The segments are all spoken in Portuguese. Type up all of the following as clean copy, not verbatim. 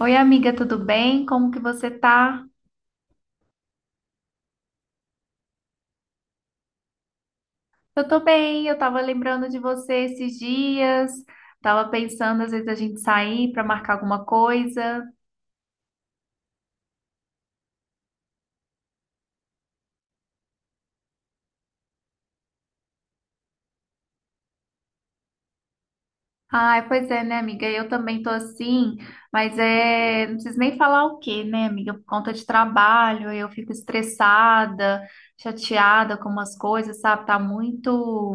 Oi, amiga, tudo bem? Como que você tá? Eu tô bem, eu tava lembrando de você esses dias, tava pensando às vezes a gente sair pra marcar alguma coisa. Ai, pois é, né, amiga? Eu também tô assim, mas é, não preciso nem falar o quê, né, amiga? Por conta de trabalho, eu fico estressada, chateada com umas coisas, sabe?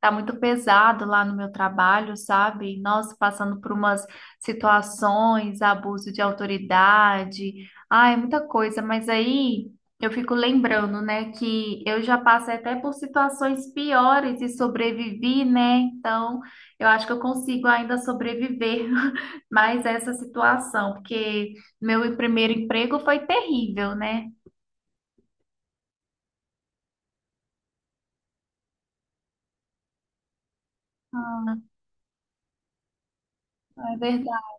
Tá muito pesado lá no meu trabalho, sabe? Nossa, passando por umas situações, abuso de autoridade, ai, muita coisa, mas aí eu fico lembrando, né, que eu já passei até por situações piores e sobrevivi, né? Então, eu acho que eu consigo ainda sobreviver mais a essa situação, porque meu primeiro emprego foi terrível, né? Ah, é verdade.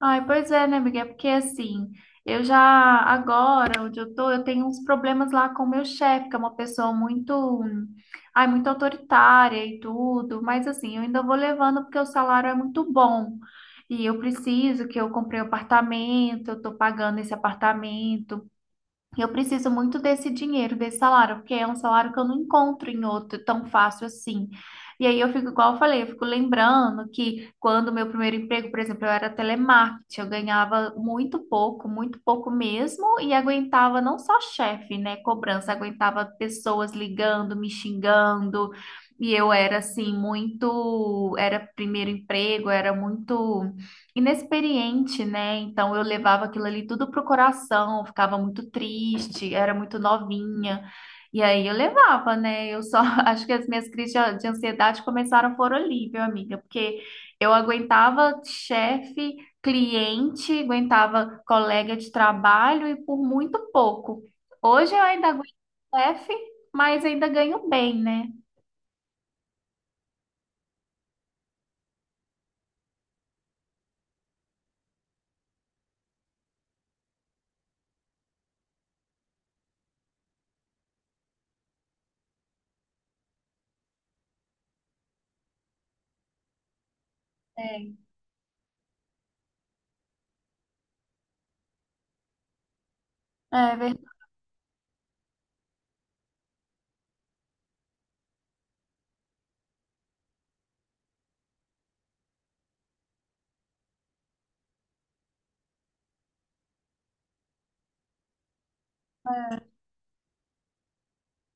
Ai, pois é, né, amiga? É porque assim, eu já agora, onde eu tô, eu tenho uns problemas lá com o meu chefe, que é uma pessoa muito, hum, ai, muito autoritária e tudo, mas assim, eu ainda vou levando porque o salário é muito bom. E eu preciso que eu comprei um apartamento, eu tô pagando esse apartamento. Eu preciso muito desse dinheiro, desse salário, porque é um salário que eu não encontro em outro tão fácil assim. E aí eu fico, igual eu falei, eu fico lembrando que quando o meu primeiro emprego, por exemplo, eu era telemarketing, eu ganhava muito pouco mesmo, e aguentava não só chefe, né, cobrança, aguentava pessoas ligando, me xingando, e eu era assim, muito, era primeiro emprego, era muito inexperiente, né? Então eu levava aquilo ali tudo pro coração, ficava muito triste, era muito novinha. E aí eu levava, né? Eu só acho que as minhas crises de ansiedade começaram por ali, viu, amiga? Porque eu aguentava chefe, cliente, aguentava colega de trabalho e por muito pouco. Hoje eu ainda aguento chefe, mas ainda ganho bem, né? É, é verdade.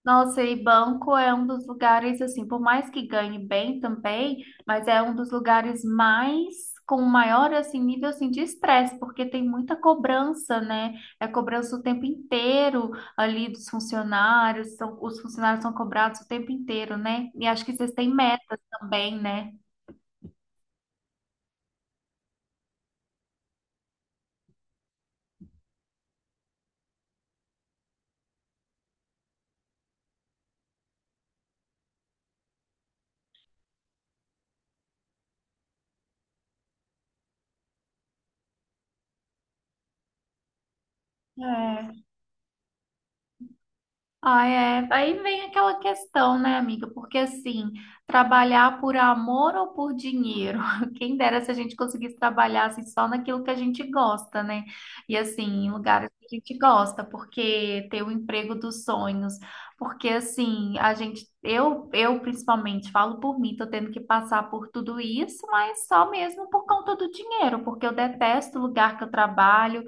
Nossa, e banco é um dos lugares, assim, por mais que ganhe bem também, mas é um dos lugares mais com maior assim nível assim de estresse, porque tem muita cobrança, né? É cobrança o tempo inteiro ali dos funcionários, são, os funcionários são cobrados o tempo inteiro, né? E acho que vocês têm metas também, né? É. Ah, é. Aí vem aquela questão, né, amiga? Porque assim, trabalhar por amor ou por dinheiro? Quem dera se a gente conseguisse trabalhar assim, só naquilo que a gente gosta, né? E assim, em lugares que a gente gosta, porque ter o emprego dos sonhos. Porque assim, a gente, eu principalmente falo por mim, tô tendo que passar por tudo isso, mas só mesmo por conta do dinheiro, porque eu detesto o lugar que eu trabalho.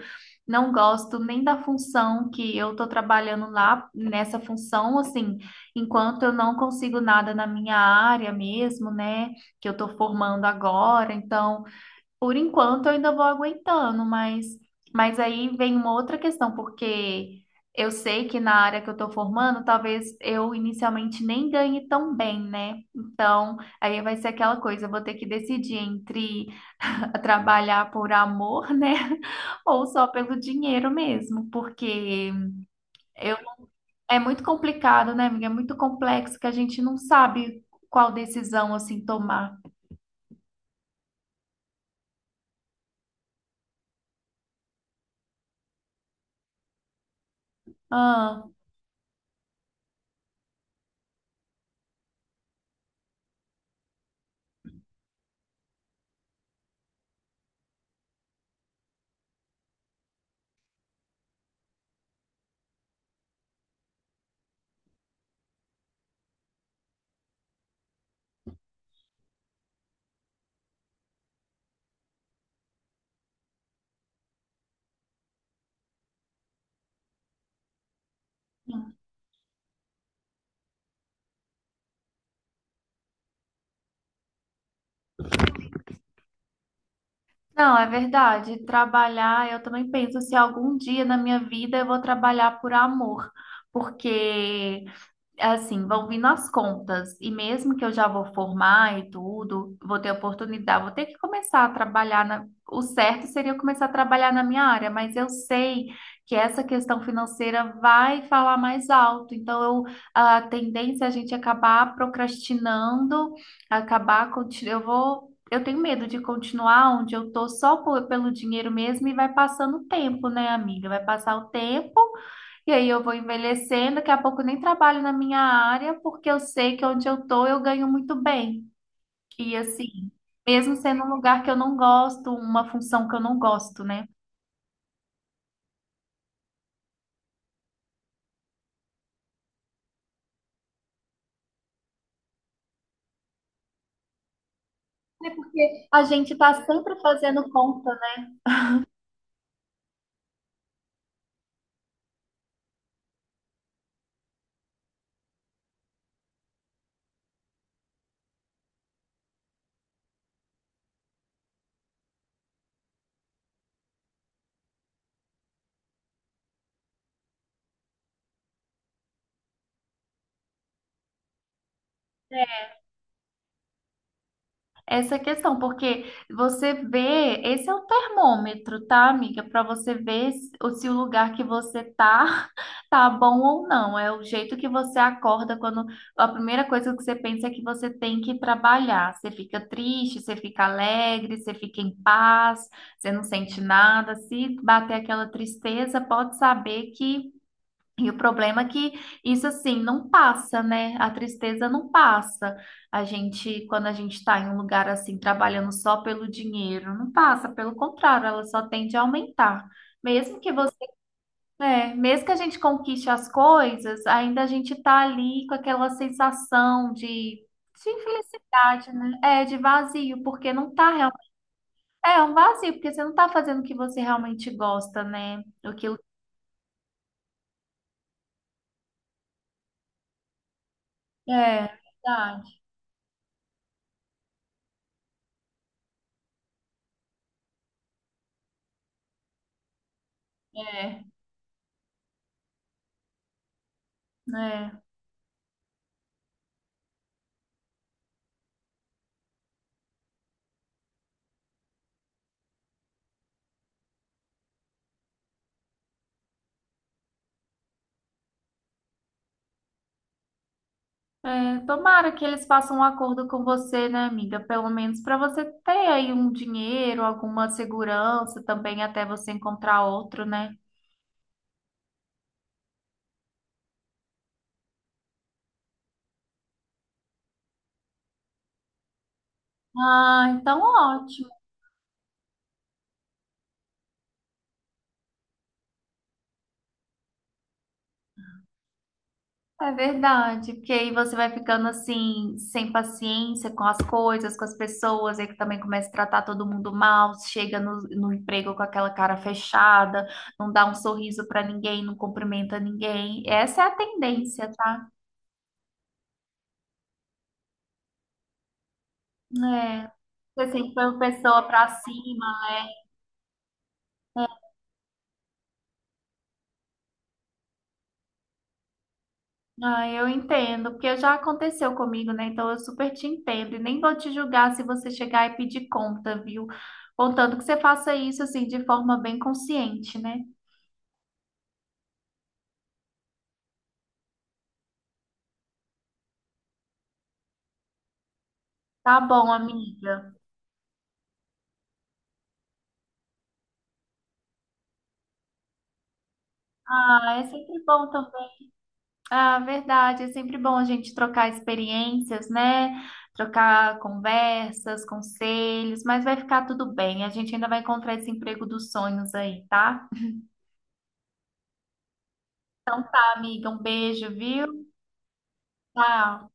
Não gosto nem da função que eu estou trabalhando lá, nessa função, assim, enquanto eu não consigo nada na minha área mesmo, né, que eu estou formando agora. Então, por enquanto, eu ainda vou aguentando, mas aí vem uma outra questão, porque eu sei que na área que eu estou formando, talvez eu inicialmente nem ganhe tão bem, né? Então, aí vai ser aquela coisa, eu vou ter que decidir entre. A trabalhar por amor, né? Ou só pelo dinheiro mesmo, porque eu, é muito complicado, né, amiga? É muito complexo que a gente não sabe qual decisão assim tomar. Ah, não, é verdade. Trabalhar, eu também penso se algum dia na minha vida eu vou trabalhar por amor, porque assim, vão vindo as contas. E mesmo que eu já vou formar e tudo, vou ter oportunidade, vou ter que começar a trabalhar na... O certo seria eu começar a trabalhar na minha área, mas eu sei que essa questão financeira vai falar mais alto. Então, eu, a tendência é a gente acabar procrastinando, acabar... Eu vou... Eu tenho medo de continuar onde eu tô pelo dinheiro mesmo e vai passando o tempo, né, amiga? Vai passar o tempo e aí eu vou envelhecendo, daqui a pouco eu nem trabalho na minha área, porque eu sei que onde eu tô eu ganho muito bem. E assim, mesmo sendo um lugar que eu não gosto, uma função que eu não gosto, né? Porque a gente tá sempre fazendo conta. Essa questão, porque você vê, esse é o termômetro, tá, amiga? Para você ver se o lugar que você tá tá bom ou não. É o jeito que você acorda quando a primeira coisa que você pensa é que você tem que trabalhar. Você fica triste, você fica alegre, você fica em paz, você não sente nada. Se bater aquela tristeza, pode saber que e o problema é que isso assim não passa, né? A tristeza não passa. A gente, quando a gente está em um lugar assim, trabalhando só pelo dinheiro, não passa, pelo contrário, ela só tende a aumentar. Mesmo que você, é, mesmo que a gente conquiste as coisas, ainda a gente tá ali com aquela sensação de infelicidade, né? É, de vazio, porque não tá real. É um vazio, porque você não tá fazendo o que você realmente gosta, né? Aquilo. É, verdade. É, é. É, tomara que eles façam um acordo com você, né, amiga? Pelo menos para você ter aí um dinheiro, alguma segurança também até você encontrar outro, né? Ah, então ótimo. É verdade, porque aí você vai ficando assim, sem paciência com as coisas, com as pessoas, aí que também começa a tratar todo mundo mal, chega no emprego com aquela cara fechada, não dá um sorriso para ninguém, não cumprimenta ninguém. Essa é a tendência, tá? É, você sempre foi uma pessoa pra cima. Ah, eu entendo, porque já aconteceu comigo, né? Então eu super te entendo e nem vou te julgar se você chegar e pedir conta, viu? Contanto que você faça isso assim de forma bem consciente, né? Tá bom, amiga. Ah, é sempre bom também. Ah, verdade, é sempre bom a gente trocar experiências, né? Trocar conversas, conselhos, mas vai ficar tudo bem. A gente ainda vai encontrar esse emprego dos sonhos aí, tá? Então tá, amiga, um beijo, viu? Tchau.